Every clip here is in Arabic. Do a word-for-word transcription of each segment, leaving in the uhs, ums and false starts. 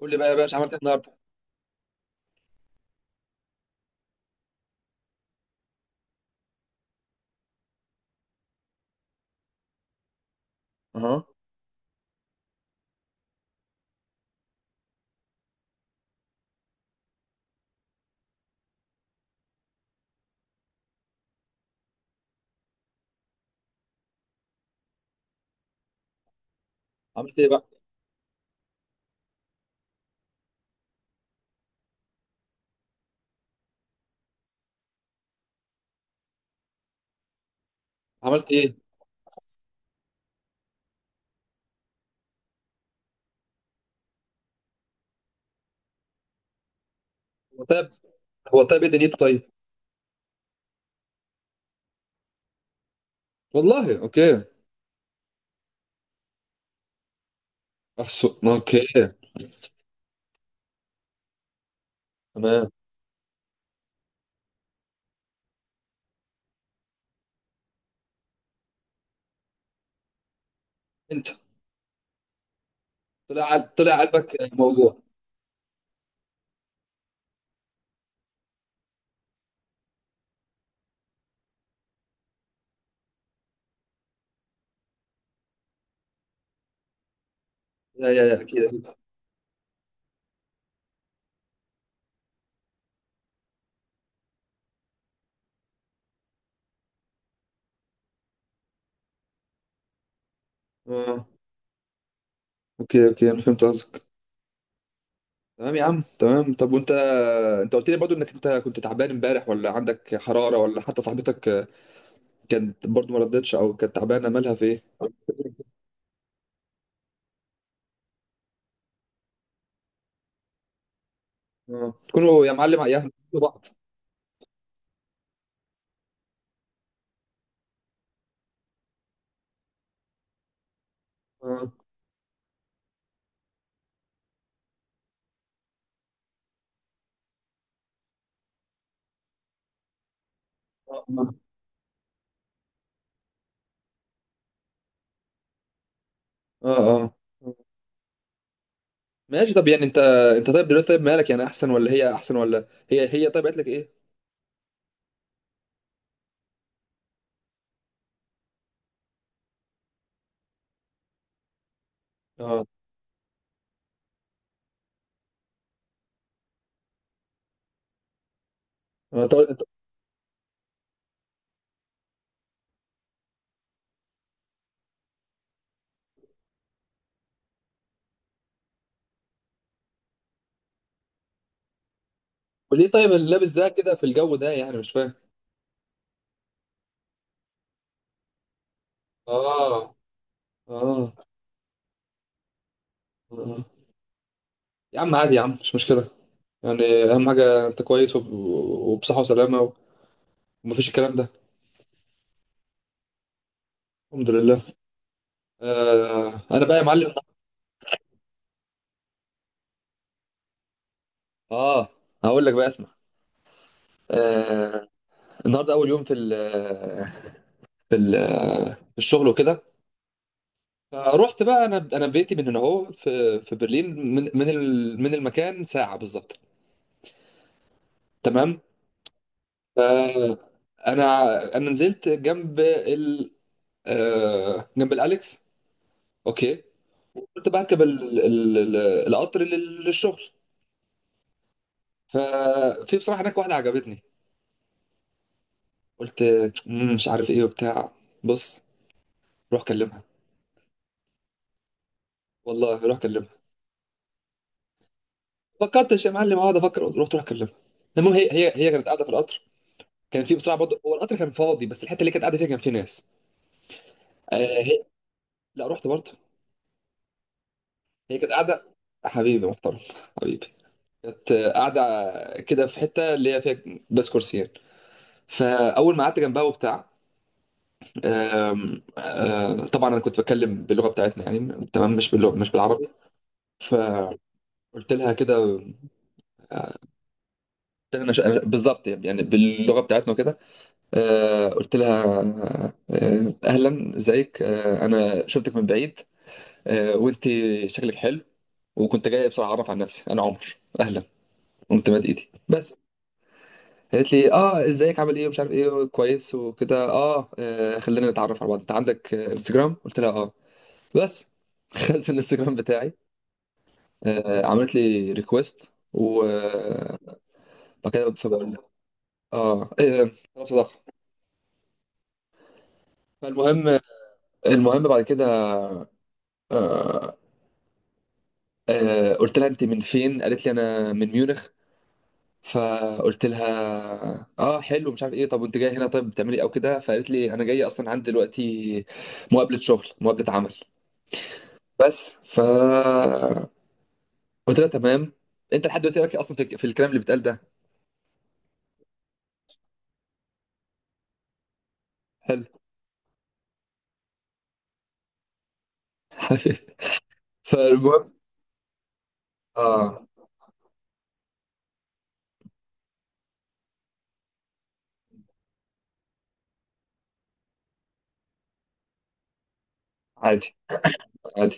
قول لي بقى يا باشا، عملت ايه النهارده؟ اها. عملت ايه بقى؟ عملت ايه؟ هو طيب. هو طيب، ايه دنيته طيب؟ والله اوكي. احسن، اوكي. تمام. انت طلع عل... طلع قلبك موجوع؟ يا يا يا اكيد اكيد. اه. اوكي، اوكي، انا فهمت قصدك. تمام يا عم، تمام. طب وانت، انت قلت لي برضو انك انت كنت تعبان امبارح، ولا عندك حراره، ولا حتى صاحبتك كانت برضو ما ردتش، او كانت تعبانه مالها في ايه؟ اه، تكونوا يا معلم يا أهل بعض. اه اه اه اه أه. ماشي. طب يعني انت، انت طيب دلوقتي، طيب مالك يعني، احسن ولا هي احسن، ولا هي هي طيب قالت لك ايه؟ اه، اه. طب انت، وليه طيب اللابس ده كده في الجو ده، يعني مش فاهم؟ اه، اه، اه. يا عم عادي، يا عم مش مشكله. يعني اهم حاجه انت كويس، وب- وبصحه وسلامه، ومفيش الكلام ده. الحمد لله. آه انا بقى يا معلم، اه، هقول لك بقى اسمع. آه النهارده اول يوم في ال في ال في الشغل وكده. فروحت بقى، انا انا بيتي من هنا اهو، في في برلين، من من ال- من المكان ساعه بالظبط. تمام. ف- انا انا نزلت جنب ال آه، جنب الاليكس. اوكي. قلت بركب ال- ال- ال- القطر لل- للشغل. ففي بصراحه هناك واحده عجبتني. قلت: "مم، مش عارف ايه وبتاع، بص، روح كلمها، والله روح كلمها". فكرتش يا معلم اقعد افكر، رحت روح كلمها. المهم، هي هي هي كانت قاعده في القطر. كان في بصراحه برضه، هو القطر كان فاضي، بس الحته اللي كانت قاعده فيها كان في ناس. آه هي لا، رحت برضه. هي كانت قاعده. حبيبي محترم حبيبي. كانت آه، قاعده كده في حته اللي هي فيها، بس كرسيين. فاول ما قعدت جنبها وبتاع، آم، آه، طبعا انا كنت بتكلم باللغه بتاعتنا، يعني تمام مش باللغه، مش بالعربي. فقلت لها كده، آه، قلت لها أنا ش- أنا- بالظبط يعني باللغه بتاعتنا وكده. آه، قلت لها آه، آه، اهلا ازيك، آه، انا شفتك من بعيد، آه، وانت شكلك حلو، وكنت جاي بسرعه اعرف عن نفسي، انا عمر، اهلا. قمت مد ايدي بس. قالت لي اه ازيك عامل ايه ومش عارف ايه كويس وكده. اه، آه، خلينا نتعرف على بعض، انت عندك آه، انستجرام؟ قلت لها اه. بس دخلت الانستجرام بتاعي، آه، عملت لي ريكويست، وبعد كده فبقول لها اه، إيه، آه، طلب صداقه. فالمهم، المهم بعد كده، آه، آه، قلت لها انت من فين؟ قالت لي انا من ميونخ. فقلت لها اه حلو، مش عارف ايه، طب وانت جايه هنا طيب بتعملي إيه او كده؟ فقالت لي انا جايه اصلا عندي دلوقتي مقابله شغل، مقابله عمل. بس ف قلت لها تمام. انت لحد دلوقتي راكي اصلا في، في الكلام اللي بيتقال ده؟ حلو. فالمهم، اه، عادي، عادي.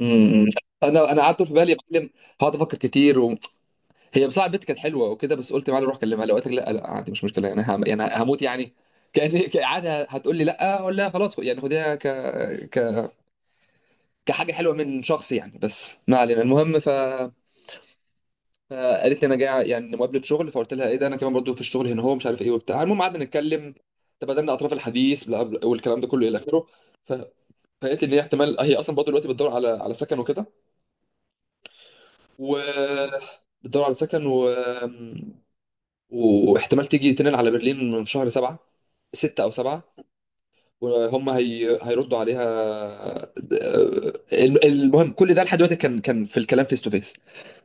امم، انا انا قعدت في بالي يا معلم، هقعد افكر كتير، وهي بصراحه البنت كانت حلوه وكده، بس قلت معلم روح كلمها، لو قالت لك لا لا عادي مش مشكله، يعني هم... يعني هموت يعني؟ كان عادي هتقول لي لا، اقول لها خلاص، يعني خديها ك... ك كحاجه حلوه من شخص يعني. بس ما علينا، المهم ف فقالت لي انا جاي يعني مقابله شغل، فقلت لها ايه ده انا كمان برضو في الشغل هنا، هو مش عارف ايه وبتاع. المهم قعدنا نتكلم، تبادلنا اطراف الحديث بلا- بلا- والكلام ده كله الى اخره. ف... فقالت لي ان هي احتمال، هي اصلا برضو دلوقتي بتدور على على سكن وكده، و بتدور على سكن، و... واحتمال تيجي تنقل على برلين في شهر سبعة، ستة او سبعة، وهم هي... هيردوا عليها. الم- المهم، كل ده لحد دلوقتي كان كان في الكلام فيس تو فيس،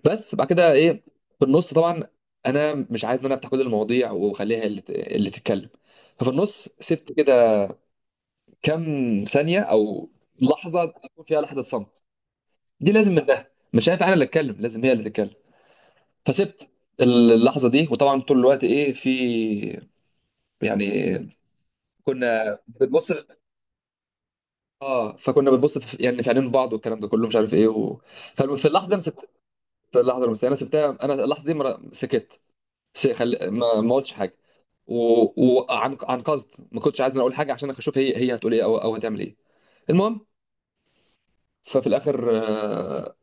بس بعد كده ايه، في النص طبعا، انا مش عايز ان انا افتح كل المواضيع، واخليها هي اللي ت- اللي تتكلم. ففي النص سبت كده كام ثانيه او لحظه، تكون فيها لحظه صمت. دي لازم منها، مش هينفع انا اللي اتكلم، لازم هي اللي تتكلم. فسبت اللحظه دي، وطبعا طول الوقت ايه في، يعني، كنا بنبص. اه، فكنا بنبص في، يعني في عينين بعض، والكلام ده كله مش عارف ايه و... ففي اللحظه دي انا سبت اللحظه المسيئه، انا سبتها، انا اللحظه دي ما سكت، س- خل... ما ما قلتش حاجه و... وعن عن قصد ما كنتش عايز إن أنا اقول حاجه عشان اشوف هي هي هتقول ايه او او هتعمل ايه. المهم، ففي الاخر آه،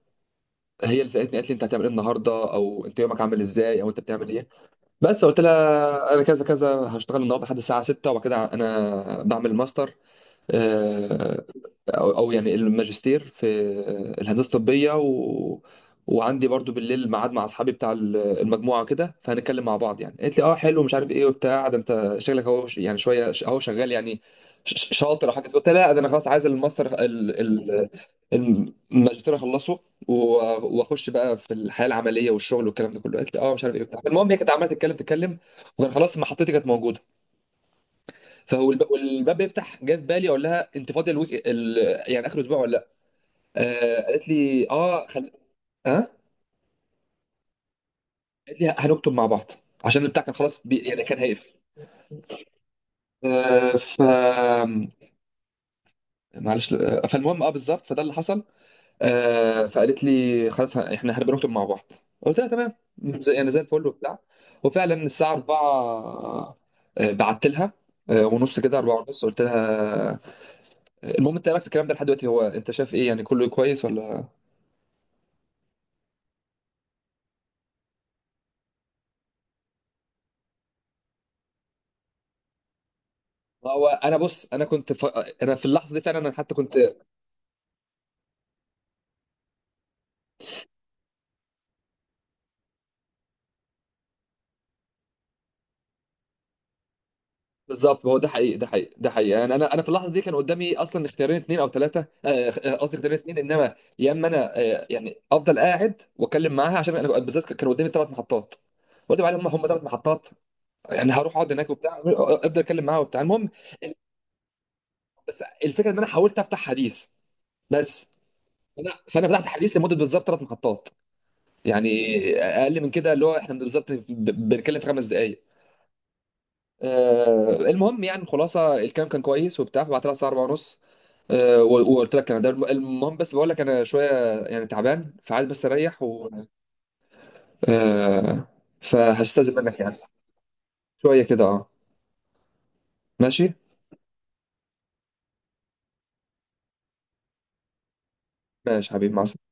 هي اللي سالتني، قالت لي انت هتعمل ايه النهارده، او انت يومك عامل ازاي، او انت بتعمل ايه. بس قلت لها انا كذا كذا، هشتغل النهارده لحد الساعه ستة، وبعد كده انا بعمل ماستر، آه، او او يعني الماجستير في الهندسه الطبيه، و... وعندي برضو بالليل ميعاد مع اصحابي بتاع ال- المجموعه كده، فهنتكلم مع بعض يعني. قالت لي اه حلو، مش عارف ايه وبتاع، ده انت شكلك اهو، ش- يعني شويه، ش- اهو شغال يعني، ش- ش- شاطر او حاجه زي كده. قلت لها لا، ده انا خلاص عايز الماستر ال... ال... الماجستير اخلصه، و- واخش بقى في الحياه العمليه والشغل والكلام ده كله. قالت لي اه مش عارف ايه وبتاع. المهم هي كانت عماله تتكلم تتكلم، وكان خلاص محطتي كانت موجوده، فهو الب... والباب بيفتح، جه في بالي اقول لها انت فاضيه الويك ال... يعني اخر اسبوع ولا؟ آه، قالت لي اه خل... اه قالت لي هنكتب مع بعض، عشان البتاع كان خلاص بي... يعني كان هيقفل. آه ف معلش، آه، فالمهم اه بالظبط، فده اللي حصل. آه فقالت لي خلاص، ه- احنا هنبقى نكتب مع بعض. قلت لها تمام، زي يعني زي الفل وبتاع. وفعلا الساعه اربعه، آه بعت لها، آه ونص كده، اربعه ونص قلت لها، آه، المهم انت إيه رايك في الكلام ده لحد دلوقتي، هو انت شايف ايه يعني كله كويس ولا؟ هو انا بص، انا كنت ف... انا في اللحظه دي فعلا انا حتى كنت بالظبط، هو ده حقيقي، ده حقيقي، ده حقيقي، يعني انا انا في اللحظه دي كان قدامي اصلا اختيارين اثنين او ثلاثه، قصدي اختيارين اثنين، انما يا اما انا آه، يعني افضل قاعد واتكلم معاها، عشان انا بالذات كان قدامي ثلاث محطات، قلت عليهم هم هم ثلاث محطات، يعني هروح اقعد هناك وبتاع، افضل اتكلم معاها وبتاع. المهم ال- بس الفكره ان انا حاولت افتح حديث، بس انا فانا فتحت حديث لمده بالظبط ثلاث محطات، يعني اقل من كده، اللي هو احنا بالظبط ب- بنتكلم في خمس دقائق. آه، المهم يعني الخلاصه، الكلام كان كويس وبتاع. فبعت لها الساعه اربعه ونص، آه، و- وقلت لك انا ده الم- المهم، بس بقول لك انا شويه يعني تعبان، فعايز بس اريح، و آه، فهستاذن منك يعني شويه كده. اه، ماشي، ماشي حبيبي، مع السلامه.